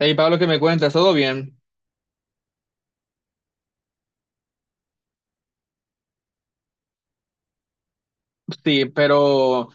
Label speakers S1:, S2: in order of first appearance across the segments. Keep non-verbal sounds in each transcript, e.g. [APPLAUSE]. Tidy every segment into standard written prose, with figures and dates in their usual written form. S1: Hey Pablo, ¿qué me cuentas? ¿Todo bien? Sí, pero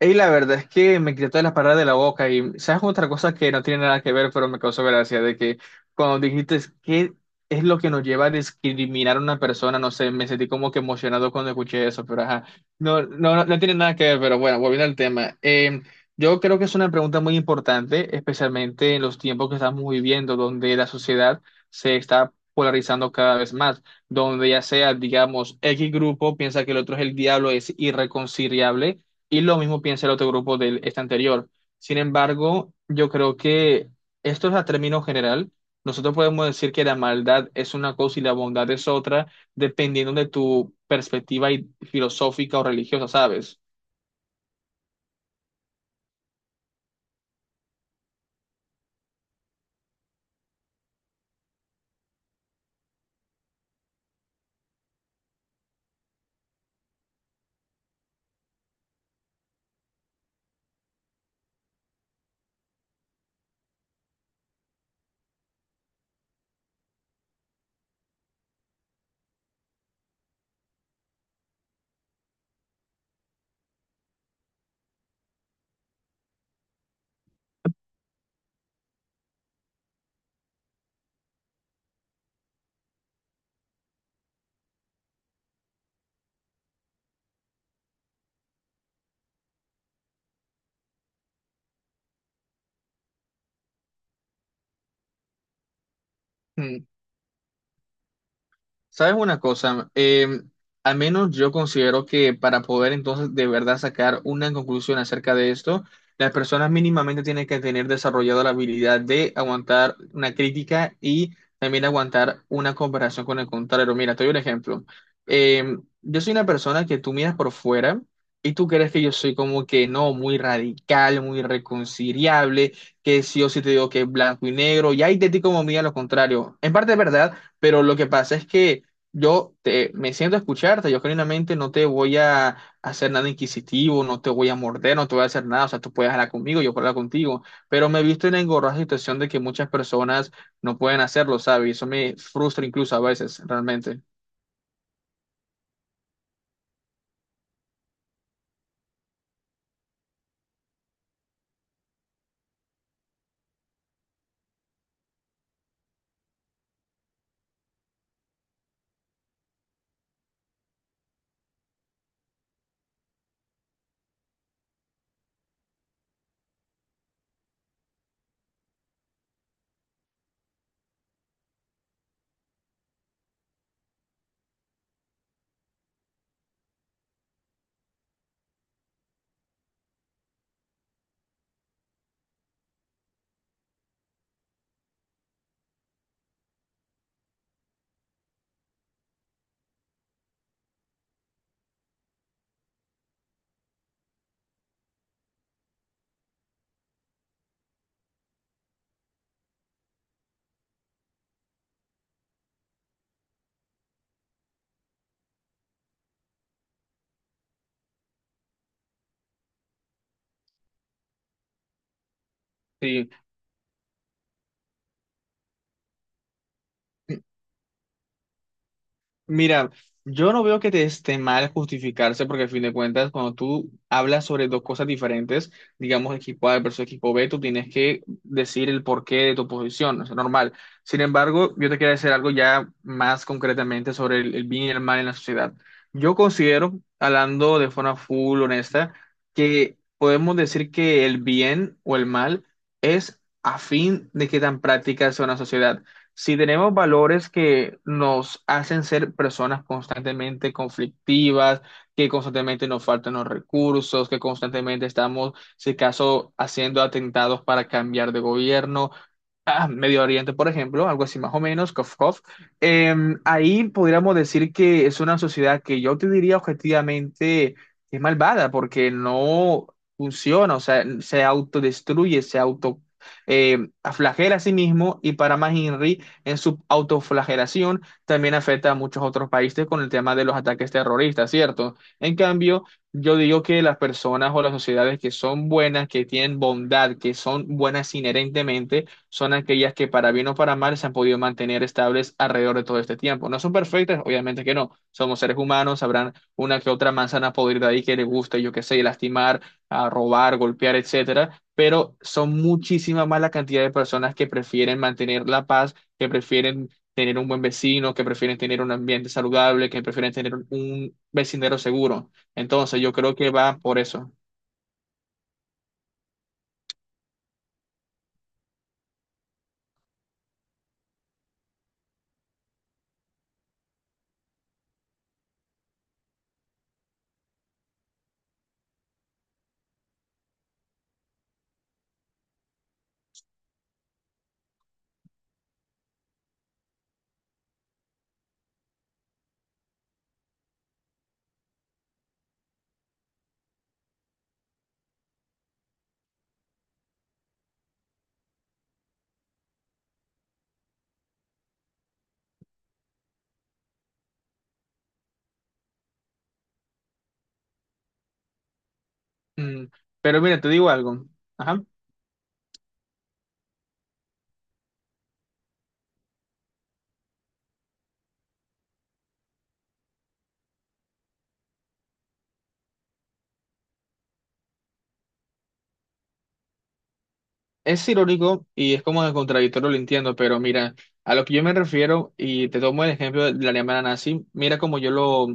S1: y la verdad es que me quité todas las palabras de la boca. Y sabes otra cosa que no tiene nada que ver, pero me causó gracia, de que cuando dijiste qué es lo que nos lleva a discriminar a una persona, no sé, me sentí como que emocionado cuando escuché eso, pero ajá, no, no, no, no tiene nada que ver, pero bueno, volviendo al tema, yo creo que es una pregunta muy importante, especialmente en los tiempos que estamos viviendo, donde la sociedad se está polarizando cada vez más, donde ya sea, digamos, X grupo piensa que el otro es el diablo, es irreconciliable y lo mismo piensa el otro grupo del este anterior. Sin embargo, yo creo que esto es a término general. Nosotros podemos decir que la maldad es una cosa y la bondad es otra, dependiendo de tu perspectiva y filosófica o religiosa, ¿sabes? ¿Sabes una cosa? Al menos yo considero que para poder entonces de verdad sacar una conclusión acerca de esto, las personas mínimamente tienen que tener desarrollada la habilidad de aguantar una crítica y también aguantar una comparación con el contrario. Mira, te doy un ejemplo. Yo soy una persona que tú miras por fuera y tú crees que yo soy como que no, muy radical, muy reconciliable, que sí o sí te digo que es blanco y negro, y ahí de ti como mía lo contrario. En parte es verdad. Pero lo que pasa es que yo te, me siento a escucharte, yo genuinamente no te voy a hacer nada inquisitivo, no te voy a morder, no te voy a hacer nada, o sea, tú puedes hablar conmigo, yo puedo hablar contigo, pero me he visto en la engorrosa situación de que muchas personas no pueden hacerlo, ¿sabes? Y eso me frustra incluso a veces, realmente. Sí. Mira, yo no veo que te esté mal justificarse porque a fin de cuentas, cuando tú hablas sobre dos cosas diferentes, digamos equipo A versus equipo B, tú tienes que decir el porqué de tu posición, es normal. Sin embargo, yo te quiero decir algo ya más concretamente sobre el bien y el mal en la sociedad. Yo considero, hablando de forma full honesta, que podemos decir que el bien o el mal es a fin de qué tan práctica sea una sociedad. Si tenemos valores que nos hacen ser personas constantemente conflictivas, que constantemente nos faltan los recursos, que constantemente estamos, si acaso, haciendo atentados para cambiar de gobierno, ah, Medio Oriente, por ejemplo, algo así más o menos, cof, cof. Ahí podríamos decir que es una sociedad que yo te diría objetivamente es malvada porque no funciona, o sea, se autodestruye, se auto flagela a sí mismo y para más Henry, en su autoflagelación también afecta a muchos otros países con el tema de los ataques terroristas, ¿cierto? En cambio, yo digo que las personas o las sociedades que son buenas, que tienen bondad, que son buenas inherentemente, son aquellas que para bien o para mal se han podido mantener estables alrededor de todo este tiempo. No son perfectas, obviamente que no. Somos seres humanos, habrán una que otra manzana podrida ahí que le guste, yo qué sé, lastimar, a robar, golpear, etcétera. Pero son muchísima más la cantidad de personas que prefieren mantener la paz, que prefieren tener un buen vecino, que prefieren tener un ambiente saludable, que prefieren tener un vecindario seguro. Entonces, yo creo que va por eso. Mm. Pero mira, te digo algo. Ajá. Es irónico y es como de contradictorio, lo entiendo, pero mira, a lo que yo me refiero, y te tomo el ejemplo de la Alemania nazi, mira cómo yo lo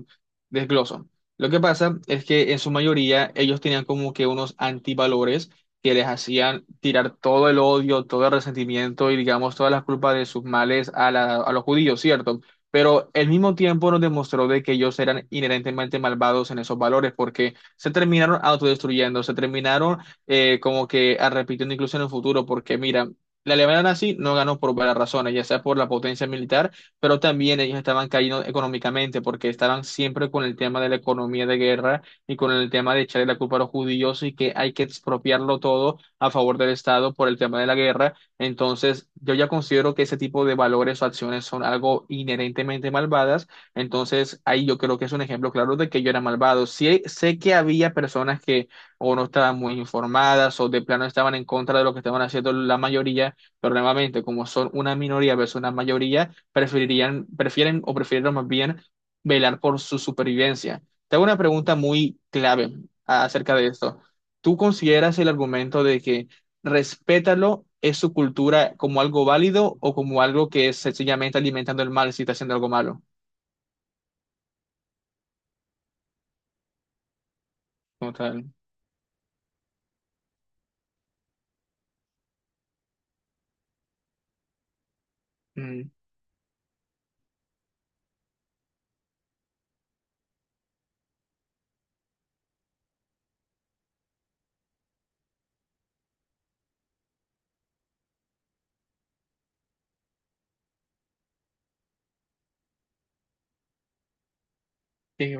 S1: desgloso. Lo que pasa es que en su mayoría ellos tenían como que unos antivalores que les hacían tirar todo el odio, todo el resentimiento y digamos todas las culpas de sus males a, a los judíos, ¿cierto? Pero al mismo tiempo nos demostró de que ellos eran inherentemente malvados en esos valores porque se terminaron autodestruyendo, se terminaron como que a repitiendo incluso en el futuro, porque mira, la Alemania nazi no ganó por varias razones, ya sea por la potencia militar, pero también ellos estaban cayendo económicamente, porque estaban siempre con el tema de la economía de guerra y con el tema de echarle la culpa a los judíos y que hay que expropiarlo todo a favor del Estado por el tema de la guerra. Entonces, yo ya considero que ese tipo de valores o acciones son algo inherentemente malvadas. Entonces, ahí yo creo que es un ejemplo claro de que yo era malvado. Sí, sé que había personas que o no estaban muy informadas o de plano estaban en contra de lo que estaban haciendo la mayoría, pero nuevamente, como son una minoría versus una mayoría, preferirían, prefieren o prefirieron más bien velar por su supervivencia. Te hago una pregunta muy clave acerca de esto. ¿Tú consideras el argumento de que respétalo es su cultura como algo válido o como algo que es sencillamente alimentando el mal si está haciendo algo malo? Total. Mm, sí,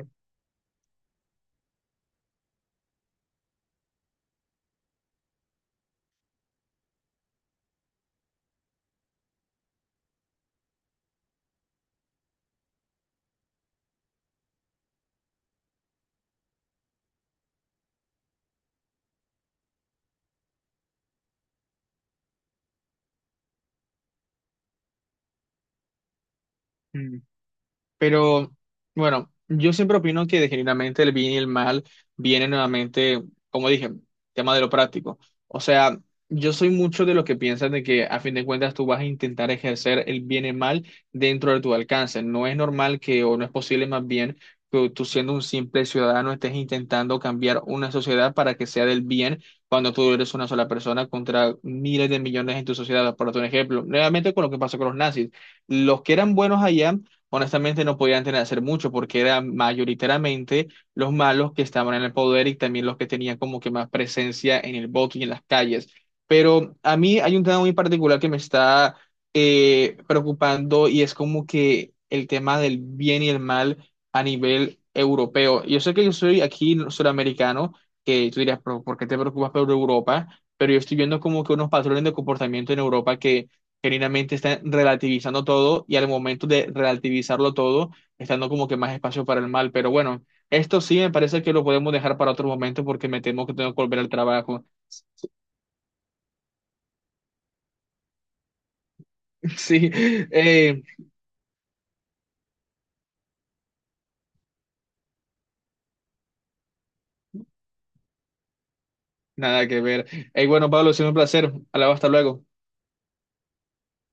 S1: mm. Pero bueno, yo siempre opino que genuinamente el bien y el mal vienen nuevamente, como dije, tema de lo práctico. O sea, yo soy mucho de los que piensan de que a fin de cuentas tú vas a intentar ejercer el bien y el mal dentro de tu alcance. No es normal que, o no es posible más bien, que tú siendo un simple ciudadano estés intentando cambiar una sociedad para que sea del bien cuando tú eres una sola persona contra miles de millones en tu sociedad. Por otro ejemplo, nuevamente con lo que pasó con los nazis. Los que eran buenos allá honestamente no podían tener, hacer mucho porque eran mayoritariamente los malos que estaban en el poder y también los que tenían como que más presencia en el voto y en las calles. Pero a mí hay un tema muy particular que me está preocupando y es como que el tema del bien y el mal a nivel europeo. Yo sé que yo soy aquí suramericano, que tú dirías "Pero, ¿por qué te preocupas por Europa? Pero yo estoy viendo como que unos patrones de comportamiento en Europa que genuinamente están relativizando todo y al momento de relativizarlo todo, están dando como que más espacio para el mal. Pero bueno, esto sí me parece que lo podemos dejar para otro momento porque me temo que tengo que volver al trabajo. [LAUGHS] Sí, eh, nada que ver. Bueno, Pablo, ha sido un placer. Hablaba hasta luego.